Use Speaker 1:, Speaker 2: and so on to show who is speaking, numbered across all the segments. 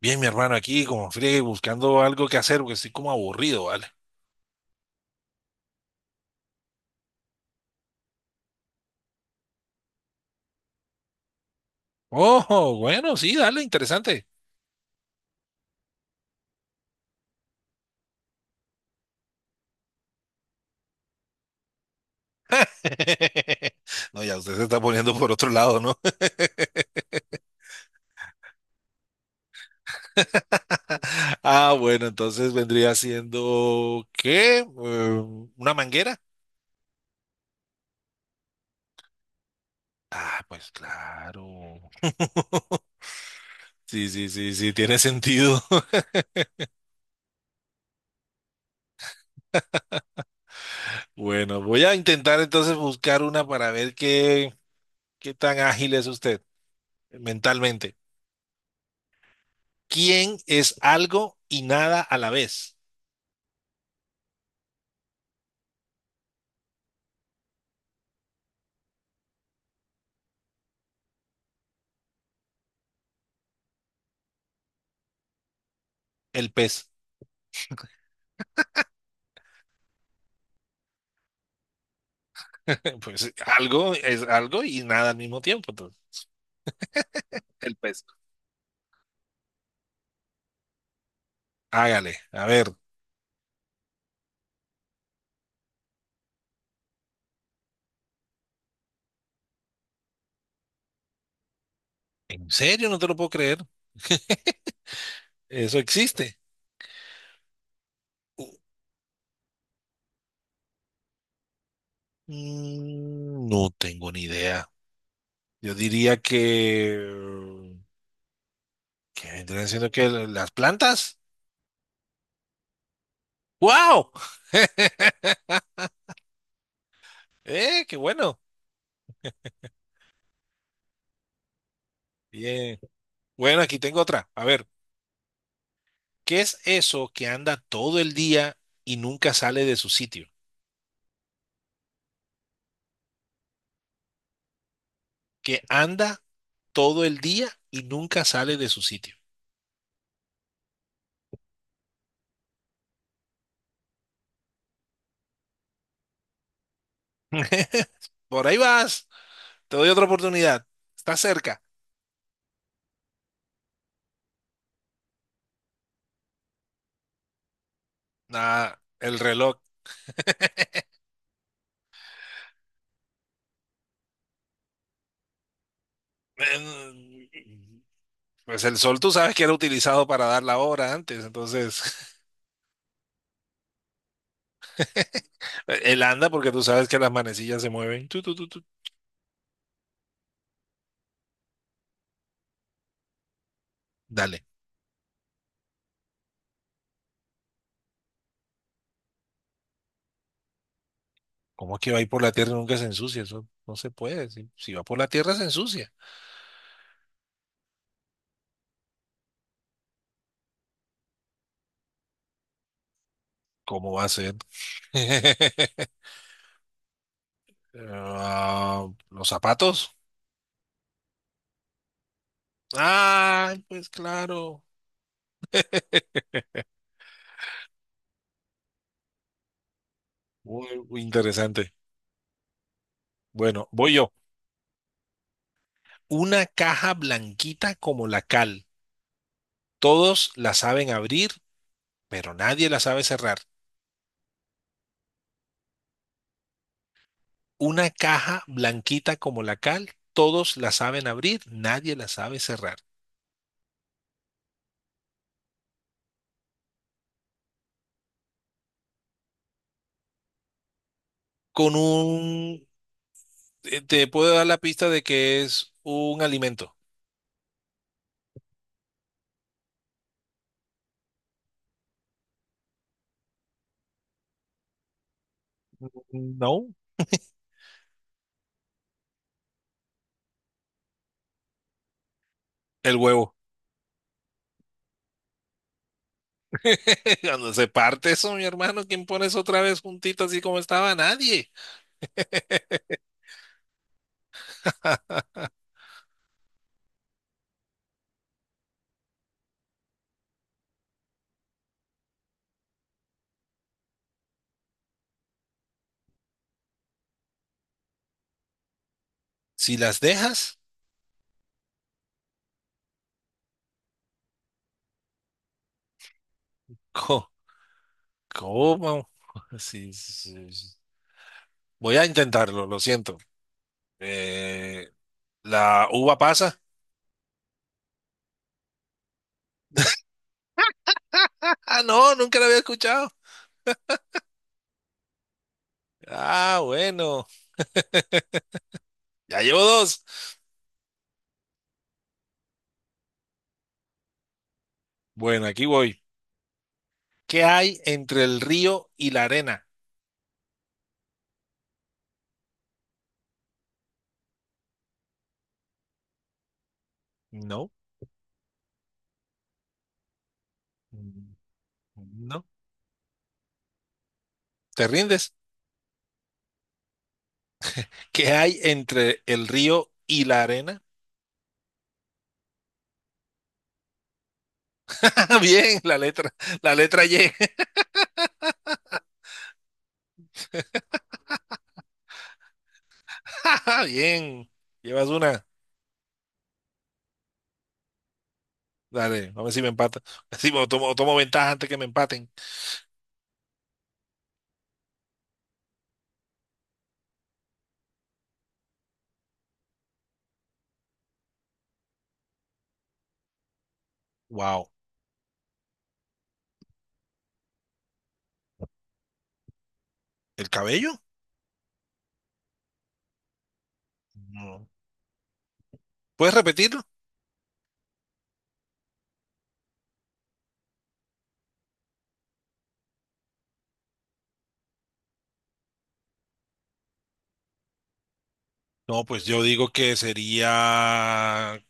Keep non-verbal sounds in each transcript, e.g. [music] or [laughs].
Speaker 1: Bien, mi hermano, aquí como friegue buscando algo que hacer porque estoy como aburrido, ¿vale? Oh, bueno, sí, dale, interesante. [laughs] No, ya usted se está poniendo por otro lado, ¿no? [laughs] Ah, bueno, entonces vendría siendo, ¿qué? ¿Una manguera? Ah, pues claro. [laughs] Sí, sí, sí, sí, tiene sentido. [laughs] Bueno, voy a intentar entonces buscar una para ver qué tan ágil es usted mentalmente. ¿Quién es algo y nada a la vez? El pez. [laughs] Pues algo es algo y nada al mismo tiempo, entonces, el pez. Hágale, a ver. ¿En serio? No te lo puedo creer. Eso existe. U- No tengo ni idea. Yo diría que... ¿que vendrían siendo que las plantas? ¡Wow! [laughs] ¡Eh, qué bueno! Bien. Bueno, aquí tengo otra. A ver, ¿qué es eso que anda todo el día y nunca sale de su sitio? Que anda todo el día y nunca sale de su sitio. [laughs] Por ahí vas, te doy otra oportunidad, estás cerca. Nada, el reloj. em, Pues el sol tú sabes que era utilizado para dar la hora antes, entonces [laughs] él anda porque tú sabes que las manecillas se mueven. Tú. Dale. ¿Cómo es que va a ir por la tierra y nunca se ensucia? Eso no se puede. Si va por la tierra se ensucia. ¿Cómo va a ser? [laughs] Ah, los zapatos. Ay, pues claro. [laughs] Muy muy interesante. Bueno, voy yo. Una caja blanquita como la cal. Todos la saben abrir, pero nadie la sabe cerrar. Una caja blanquita como la cal. Todos la saben abrir, nadie la sabe cerrar. Con un... te puedo dar la pista de que es un alimento. No. El huevo. [laughs] Cuando se parte eso, mi hermano, ¿quién pones otra vez juntito así como estaba? Nadie. [laughs] Si las dejas, co- ¿cómo? [laughs] Sí, sí, sí. Voy a intentarlo, lo siento. Eh, ¿La uva pasa? Ah, no, nunca la había escuchado. Ah, bueno, ya llevo dos. Bueno, aquí voy. ¿Qué hay entre el río y la arena? No, mm, no, ¿te rindes? ¿Qué hay entre el río y la arena? [laughs] Ah, bien, la letra Y. [laughs] Bien, llevas una. Dale, a ver si me empata. [laughs] Si tomo ventaja antes que me empaten. Wow. ¿El cabello? No. ¿Puedes repetirlo? No, pues yo digo que sería...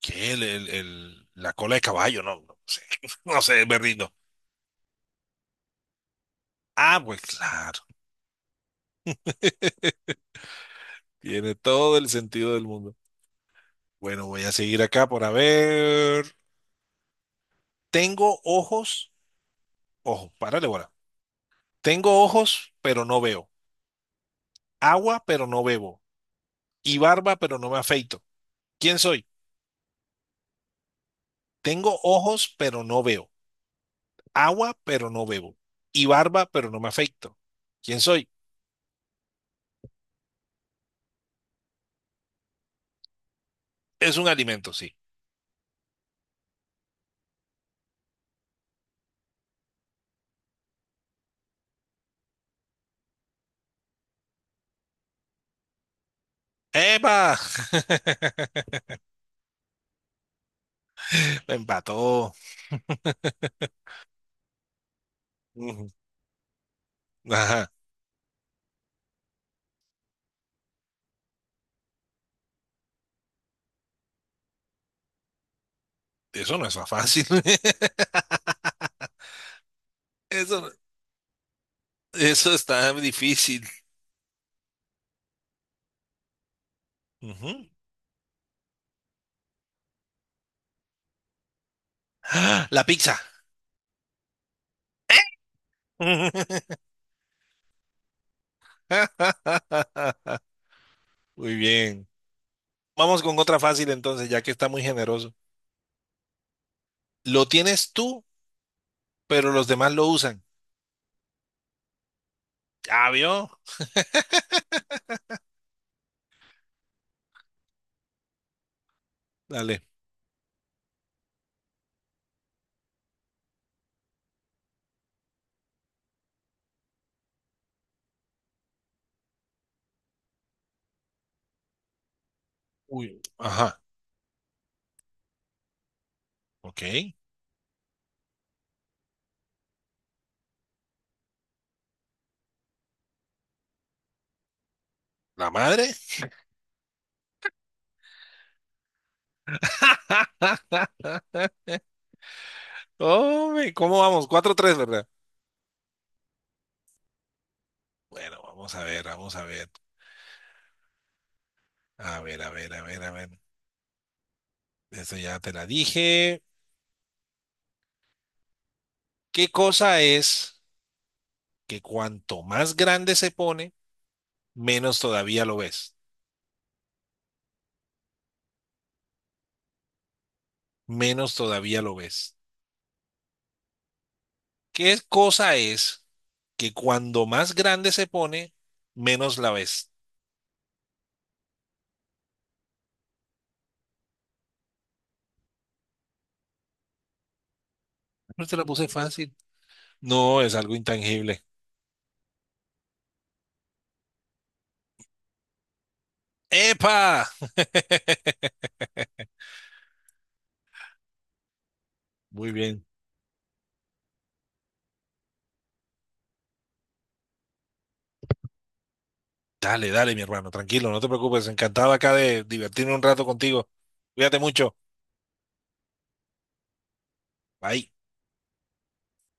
Speaker 1: ¿Qué? La cola de caballo, no, no sé. [laughs] No sé, me rindo. Ah, pues claro. [laughs] Tiene todo el sentido del mundo. Bueno, voy a seguir acá por a ver. Tengo ojos. Ojo, párale, bola. Tengo ojos, pero no veo. Agua, pero no bebo. Y barba, pero no me afeito. ¿Quién soy? Tengo ojos, pero no veo, agua, pero no bebo, y barba, pero no me afecto. ¿Quién soy? Es un alimento, sí. ¡Epa! [laughs] Me empató. Ujú. Ajá. Eso no es tan fácil. [laughs] Eso, no- eso está difícil. Ujú. ¡Ah! La pizza. [laughs] Muy bien. Vamos con otra fácil entonces, ya que está muy generoso. Lo tienes tú, pero los demás lo usan. ¿Ya vio? Dale. Uy. Ajá. Ok. ¿La madre? [laughs] Hombre, ¿cómo vamos? 4-3, ¿verdad? Bueno, vamos a ver, vamos a ver. A ver, a ver, a ver, a ver. Esto ya te la dije. ¿Qué cosa es que cuanto más grande se pone, menos todavía lo ves? Menos todavía lo ves. ¿Qué cosa es que cuando más grande se pone, menos la ves? No te la puse fácil. No, es algo intangible. ¡Epa! [laughs] Muy bien. Dale, dale, mi hermano, tranquilo, no te preocupes, encantado acá de divertirme un rato contigo. Cuídate mucho. Bye.